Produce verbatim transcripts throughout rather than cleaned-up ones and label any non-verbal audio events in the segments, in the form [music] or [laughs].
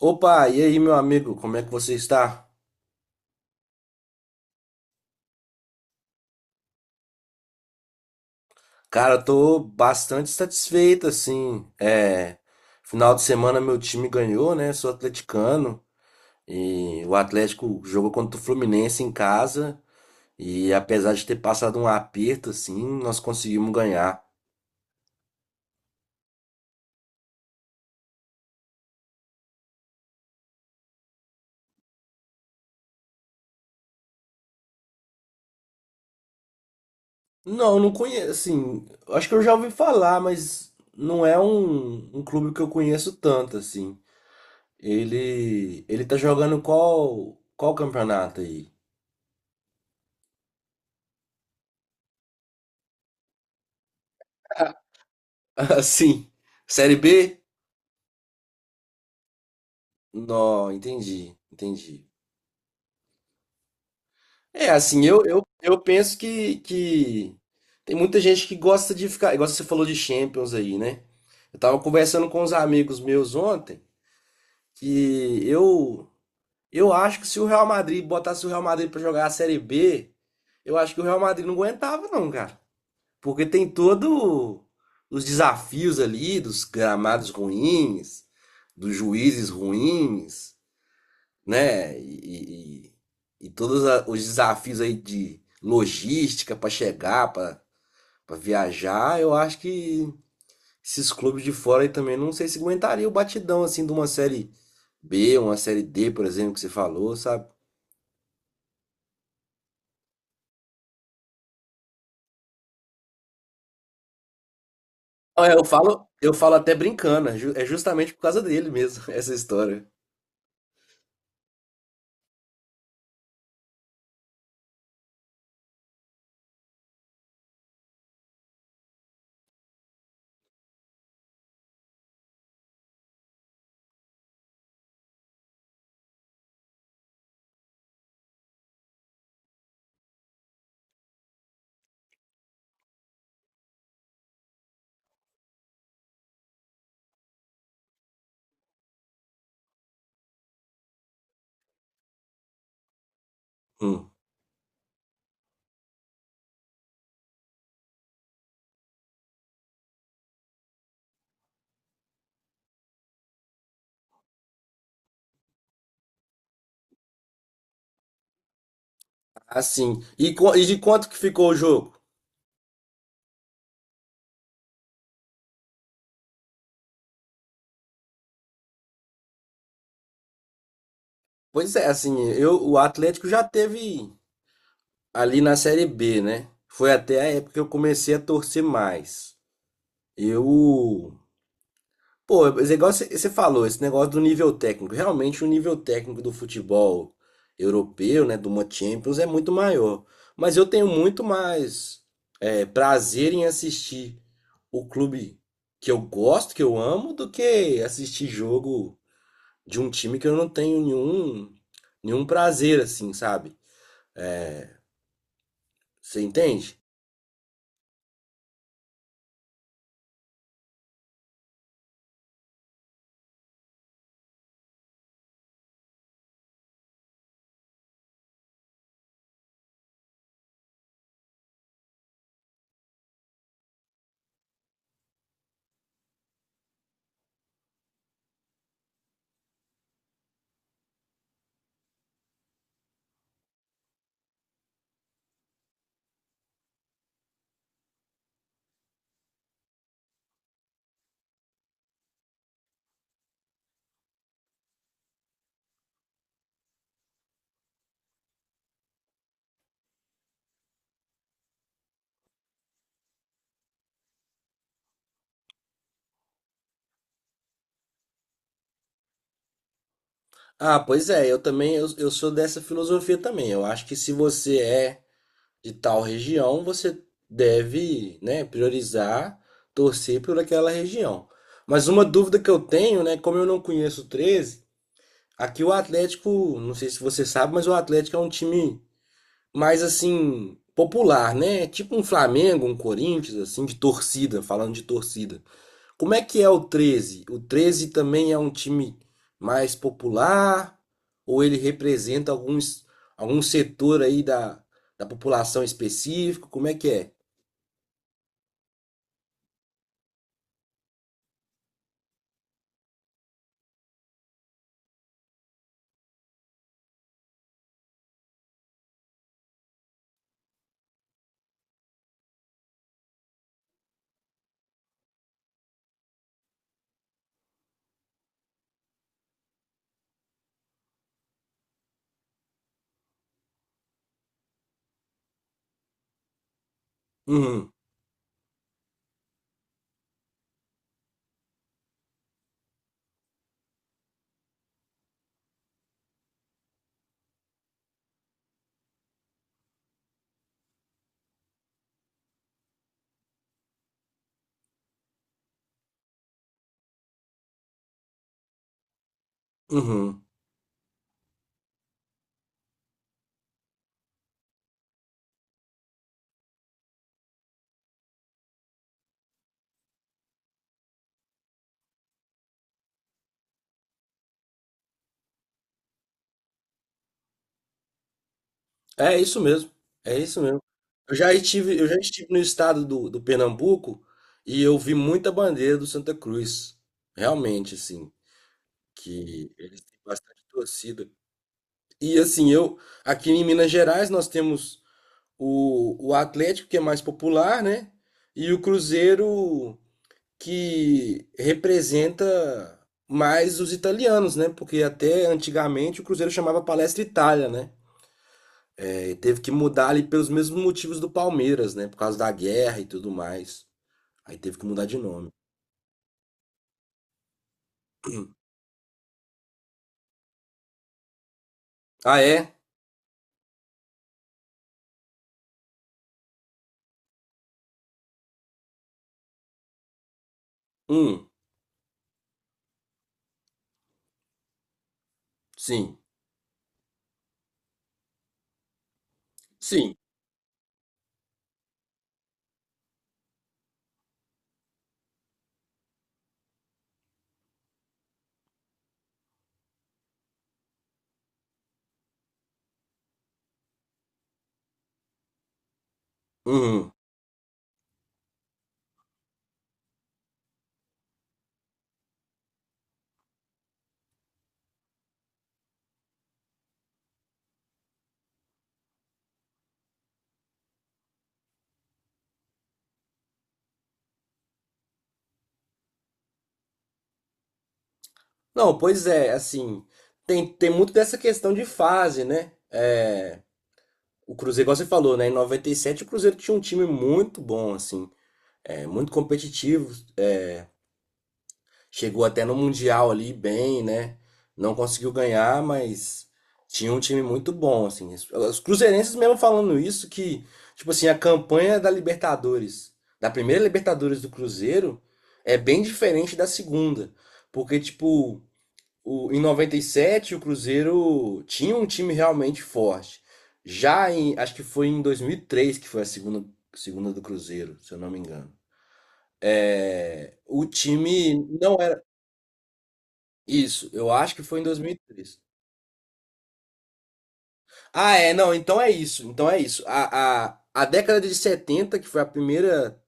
Opa, e aí, meu amigo, como é que você está? Cara, eu tô bastante satisfeito, assim. É, final de semana meu time ganhou, né? Sou atleticano e o Atlético jogou contra o Fluminense em casa e apesar de ter passado um aperto, assim, nós conseguimos ganhar. Não, não conheço, assim, eu acho que eu já ouvi falar, mas não é um, um clube que eu conheço tanto, assim. Ele, ele tá jogando qual, qual campeonato aí? [laughs] Assim, Série B? Não, entendi, entendi. É, assim, eu, eu, eu penso que, que tem muita gente que gosta de ficar, igual você falou de Champions aí, né? Eu tava conversando com uns amigos meus ontem que eu eu acho que se o Real Madrid botasse o Real Madrid pra jogar a Série B, eu acho que o Real Madrid não aguentava não, cara. Porque tem todo os desafios ali dos gramados ruins, dos juízes ruins, né? E, e- e todos a- os desafios aí de logística para chegar, para viajar, eu acho que esses clubes de fora aí também não sei se aguentaria o batidão assim de uma série B, uma série D, por exemplo, que você falou, sabe? É, eu falo, eu falo até brincando, é ju- é justamente por causa dele mesmo, [laughs] essa história. Hum. Assim, e, co- e de quanto que ficou o jogo? Pois é, assim, eu, o Atlético já teve ali na Série B, né? Foi até a época que eu comecei a torcer mais. Eu. Pô, mas é igual você falou, esse negócio do nível técnico. Realmente, o nível técnico do futebol europeu, né? Do uma Champions é muito maior. Mas eu tenho muito mais é, prazer em assistir o clube que eu gosto, que eu amo, do que assistir jogo de um time que eu não tenho nenhum, nenhum prazer, assim, sabe? Você entende? Ah, pois é, eu também, eu, eu sou dessa filosofia também. Eu acho que se você é de tal região, você deve, né, priorizar, torcer por aquela região. Mas uma dúvida que eu tenho, né, como eu não conheço o treze, aqui o Atlético, não sei se você sabe, mas o Atlético é um time mais assim popular, né? Tipo um Flamengo, um Corinthians, assim, de torcida, falando de torcida. Como é que é o treze? O treze também é um time mais popular ou ele representa alguns, algum setor aí da, da população específico? Como é que é? Uhum, uhum. É isso mesmo. É isso mesmo. Eu já estive, eu já estive no estado do, do Pernambuco e eu vi muita bandeira do Santa Cruz. Realmente, assim, que eles têm bastante torcida. E assim, eu aqui em Minas Gerais nós temos o, o Atlético, que é mais popular, né? E o Cruzeiro, que representa mais os italianos, né? Porque até antigamente o Cruzeiro chamava Palestra Itália, né? É, e teve que mudar ali pelos mesmos motivos do Palmeiras, né? Por causa da guerra e tudo mais. Aí teve que mudar de nome. Ah, é? Hum, sim. Sim. Uhum. Não, pois é, assim, tem, tem muito dessa questão de fase, né? É, o Cruzeiro, igual você falou, né? Em noventa e sete o Cruzeiro tinha um time muito bom, assim, é, muito competitivo. Chegou até no Mundial ali bem, né? Não conseguiu ganhar, mas tinha um time muito bom, assim. Os cruzeirenses mesmo falando isso, que, tipo assim, a campanha da Libertadores, da primeira Libertadores do Cruzeiro, é bem diferente da segunda. Porque, tipo, o, em noventa e sete, o Cruzeiro tinha um time realmente forte. Já em, acho que foi em dois mil e três que foi a segunda, segunda do Cruzeiro, se eu não me engano. É, o time não era isso, eu acho que foi em dois mil e três. Ah, é, não, então é isso, então é isso. A, a, a década de setenta, que foi a primeira,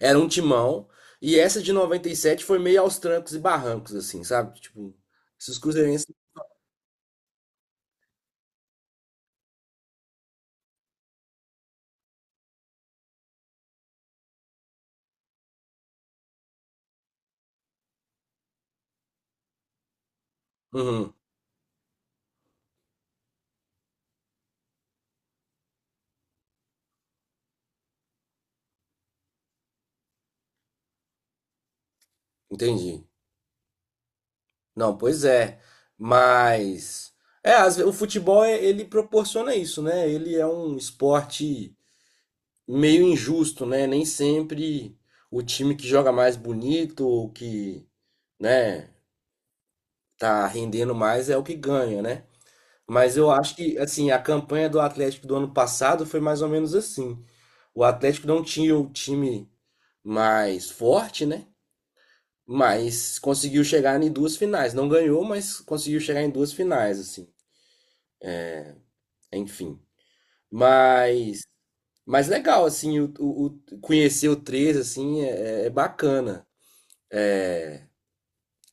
era um timão, e essa de noventa e sete foi meio aos trancos e barrancos, assim, sabe? Tipo, esses cruzeirenses. Uhum, entendi. Não, pois é. Mas é, às ve- o futebol é- ele proporciona isso, né? Ele é um esporte meio injusto, né? Nem sempre o time que joga mais bonito, ou que, né, tá rendendo mais é o que ganha, né? Mas eu acho que assim, a campanha do Atlético do ano passado foi mais ou menos assim. O Atlético não tinha o time mais forte, né? Mas conseguiu chegar em duas finais. Não ganhou, mas conseguiu chegar em duas finais, assim. Enfim. Mas, mas legal, assim, o, o- o- conhecer o três assim, é, é é bacana.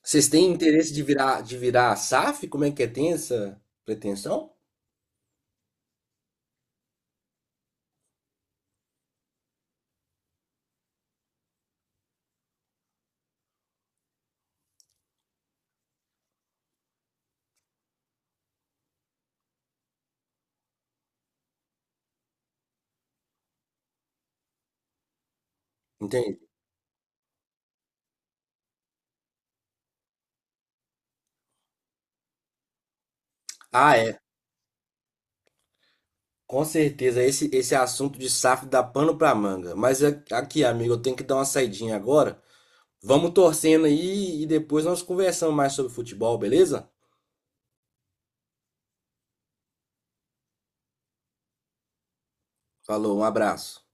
Vocês têm interesse de virar, de virar S a S A F? Como é que é? Tem essa pretensão? Entende? Ah, é. Com certeza, esse, esse assunto de S A F dá pano pra manga. Mas a- aqui, amigo, eu tenho que dar uma saidinha agora. Vamos torcendo aí e depois nós conversamos mais sobre futebol, beleza? Falou, um abraço.